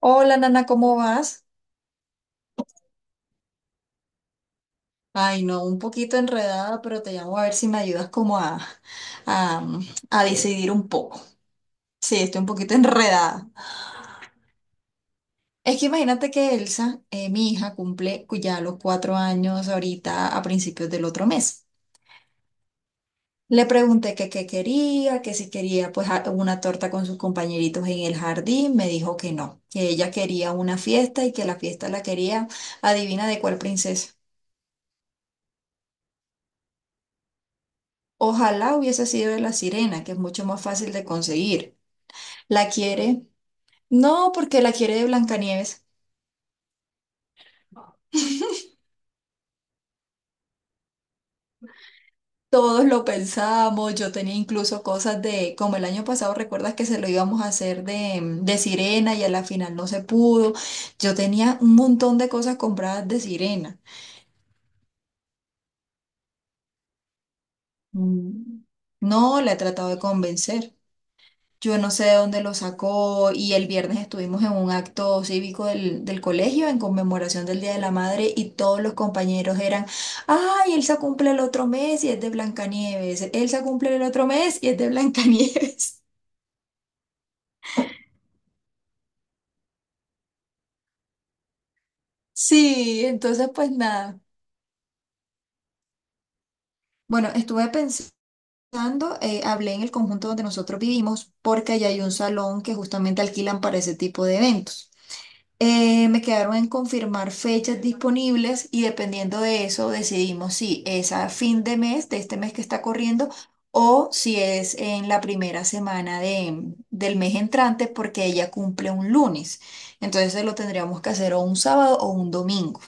Hola, Nana, ¿cómo vas? Ay, no, un poquito enredada, pero te llamo a ver si me ayudas como a, a decidir un poco. Sí, estoy un poquito enredada. Es que imagínate que Elsa, mi hija, cumple ya los cuatro años ahorita a principios del otro mes. Le pregunté que qué quería, que si quería pues una torta con sus compañeritos en el jardín. Me dijo que no, que ella quería una fiesta y que la fiesta la quería, adivina de cuál princesa. Ojalá hubiese sido de la sirena, que es mucho más fácil de conseguir. ¿La quiere? No, porque la quiere de Blancanieves. Todos lo pensamos, yo tenía incluso cosas de, como el año pasado, recuerdas que se lo íbamos a hacer de sirena y a la final no se pudo. Yo tenía un montón de cosas compradas de sirena. Mm, No, la he tratado de convencer. Yo no sé de dónde lo sacó y el viernes estuvimos en un acto cívico del colegio en conmemoración del Día de la Madre y todos los compañeros eran, ay, Elsa cumple el otro mes y es de Blancanieves, Elsa cumple el otro mes y es de Blancanieves. Sí, entonces pues nada. Bueno, estuve pensando, hablé en el conjunto donde nosotros vivimos porque allá hay un salón que justamente alquilan para ese tipo de eventos. Me quedaron en confirmar fechas disponibles y dependiendo de eso decidimos si es a fin de mes, de este mes que está corriendo, o si es en la primera semana de, del mes entrante porque ella cumple un lunes. Entonces lo tendríamos que hacer o un sábado o un domingo.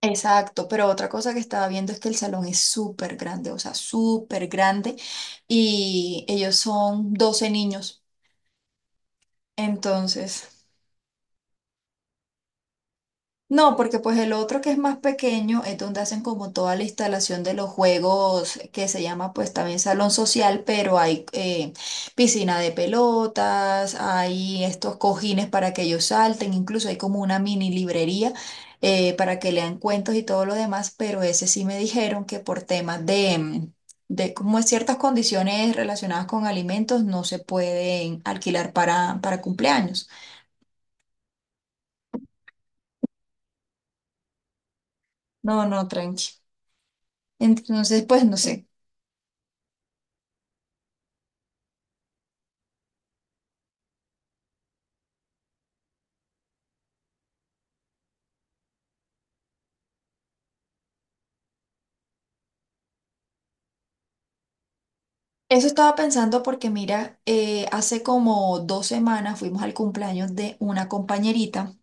Exacto, pero otra cosa que estaba viendo es que el salón es súper grande, o sea, súper grande, y ellos son 12 niños. Entonces... No, porque pues el otro que es más pequeño es donde hacen como toda la instalación de los juegos que se llama pues también salón social, pero hay piscina de pelotas, hay estos cojines para que ellos salten, incluso hay como una mini librería para que lean cuentos y todo lo demás, pero ese sí me dijeron que por temas de, de como ciertas condiciones relacionadas con alimentos no se pueden alquilar para cumpleaños. No, no, tranqui. Entonces, pues no sé. Eso estaba pensando porque mira, hace como dos semanas fuimos al cumpleaños de una compañerita.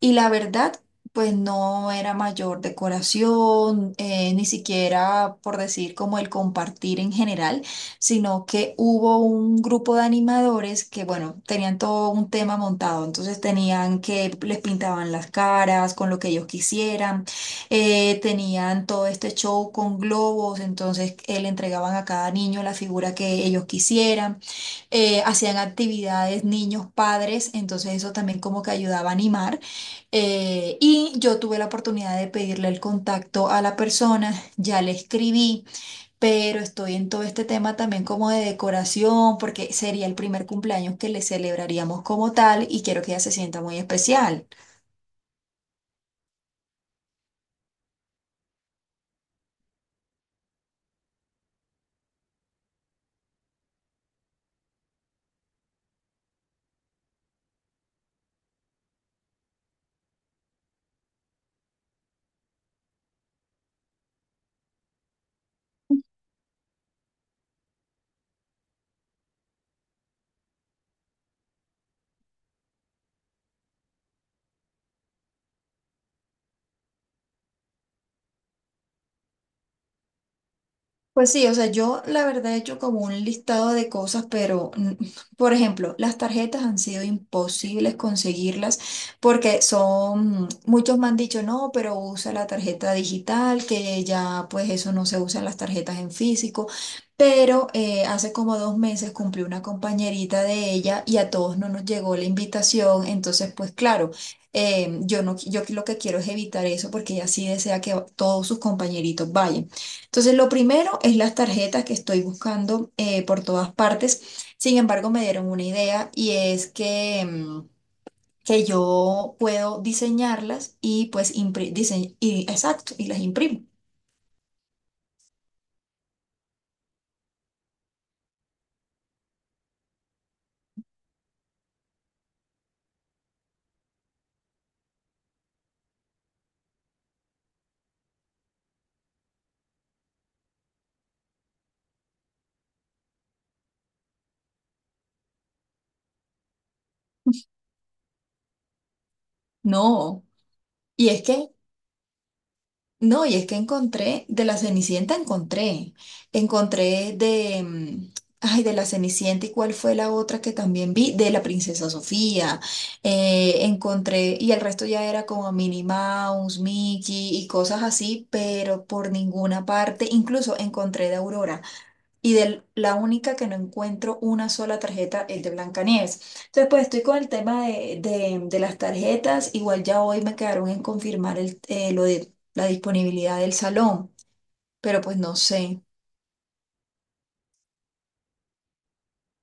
Y la verdad, pues no era mayor decoración, ni siquiera por decir como el compartir en general, sino que hubo un grupo de animadores que, bueno, tenían todo un tema montado, entonces tenían que les pintaban las caras con lo que ellos quisieran, tenían todo este show con globos, entonces le entregaban a cada niño la figura que ellos quisieran, hacían actividades niños, padres, entonces eso también como que ayudaba a animar. Y yo tuve la oportunidad de pedirle el contacto a la persona, ya le escribí, pero estoy en todo este tema también como de decoración, porque sería el primer cumpleaños que le celebraríamos como tal y quiero que ella se sienta muy especial. Pues sí, o sea, yo la verdad he hecho como un listado de cosas, pero por ejemplo, las tarjetas han sido imposibles conseguirlas porque son, muchos me han dicho, no, pero usa la tarjeta digital, que ya pues eso no se usa en las tarjetas en físico, pero hace como dos meses cumplió una compañerita de ella y a todos no nos llegó la invitación, entonces pues claro. Yo no, yo lo que quiero es evitar eso porque ella sí desea que todos sus compañeritos vayan. Entonces, lo primero es las tarjetas que estoy buscando por todas partes. Sin embargo, me dieron una idea y es que, que yo puedo diseñarlas y pues y, exacto, y las imprimo. No. Y es que No, y es que encontré, de la Cenicienta encontré, encontré de, ay, de la Cenicienta y cuál fue la otra que también vi, de la Princesa Sofía, encontré, y el resto ya era como Minnie Mouse, Mickey y cosas así, pero por ninguna parte, incluso encontré de Aurora. Y de la única que no encuentro una sola tarjeta es de Blancanieves. Entonces, pues estoy con el tema de las tarjetas. Igual ya hoy me quedaron en confirmar el, lo de la disponibilidad del salón, pero pues no sé.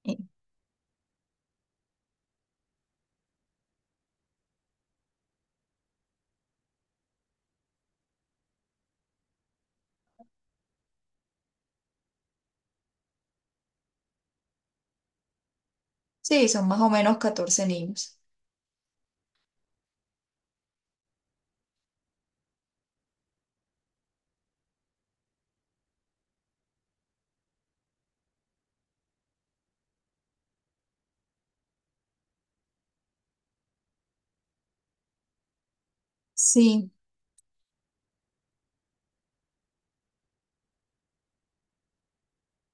Eh, Sí, son más o menos 14 niños. Sí,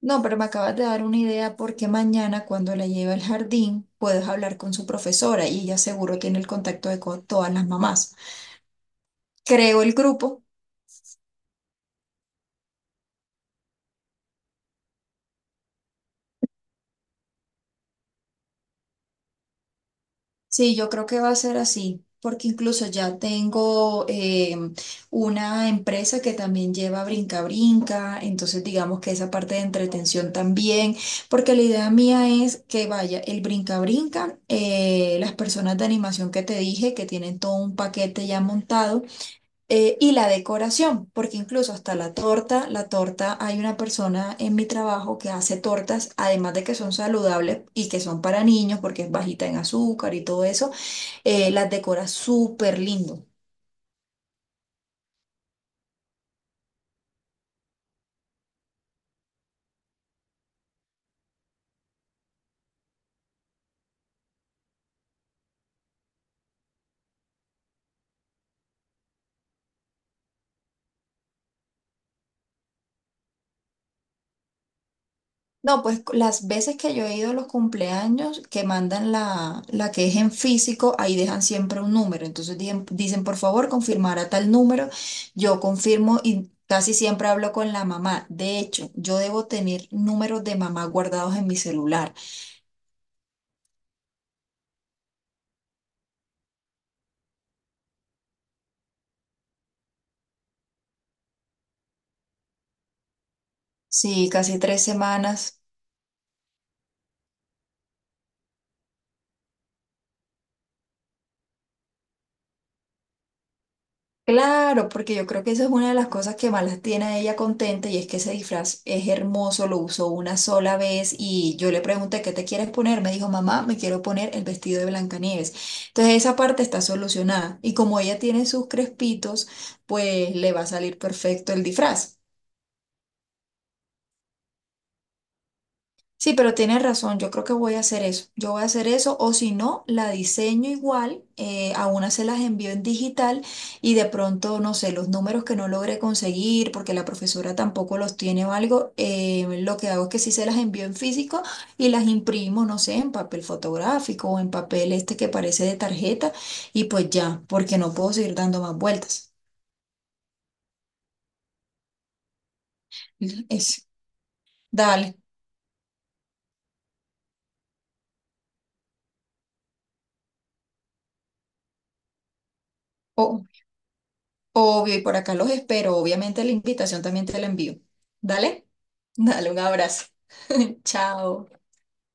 no, pero me acabas de dar una idea porque mañana cuando la lleve al jardín puedes hablar con su profesora y ella seguro tiene el contacto de todas las mamás. Creo el grupo. Sí, yo creo que va a ser así, porque incluso ya tengo una empresa que también lleva brinca brinca, entonces digamos que esa parte de entretención también, porque la idea mía es que vaya el brinca brinca, las personas de animación que te dije que tienen todo un paquete ya montado. Y la decoración, porque incluso hasta la torta, hay una persona en mi trabajo que hace tortas, además de que son saludables y que son para niños porque es bajita en azúcar y todo eso, las decora súper lindo. No, pues las veces que yo he ido a los cumpleaños que mandan la que es en físico, ahí dejan siempre un número. Entonces dicen, por favor, confirmar a tal número. Yo confirmo y casi siempre hablo con la mamá. De hecho, yo debo tener números de mamá guardados en mi celular. Sí, casi tres semanas. Claro, porque yo creo que eso es una de las cosas que más la tiene a ella contenta y es que ese disfraz es hermoso, lo usó una sola vez y yo le pregunté, ¿qué te quieres poner? Me dijo, mamá, me quiero poner el vestido de Blancanieves. Entonces esa parte está solucionada y como ella tiene sus crespitos, pues le va a salir perfecto el disfraz. Sí, pero tienes razón, yo creo que voy a hacer eso. Yo voy a hacer eso o si no, la diseño igual, a una se las envío en digital y de pronto, no sé, los números que no logré conseguir porque la profesora tampoco los tiene o algo, lo que hago es que sí se las envío en físico y las imprimo, no sé, en papel fotográfico o en papel este que parece de tarjeta y pues ya, porque no puedo seguir dando más vueltas. Es, dale. O- Obvio, y por acá los espero. Obviamente la invitación también te la envío. Dale, dale un abrazo. Chao.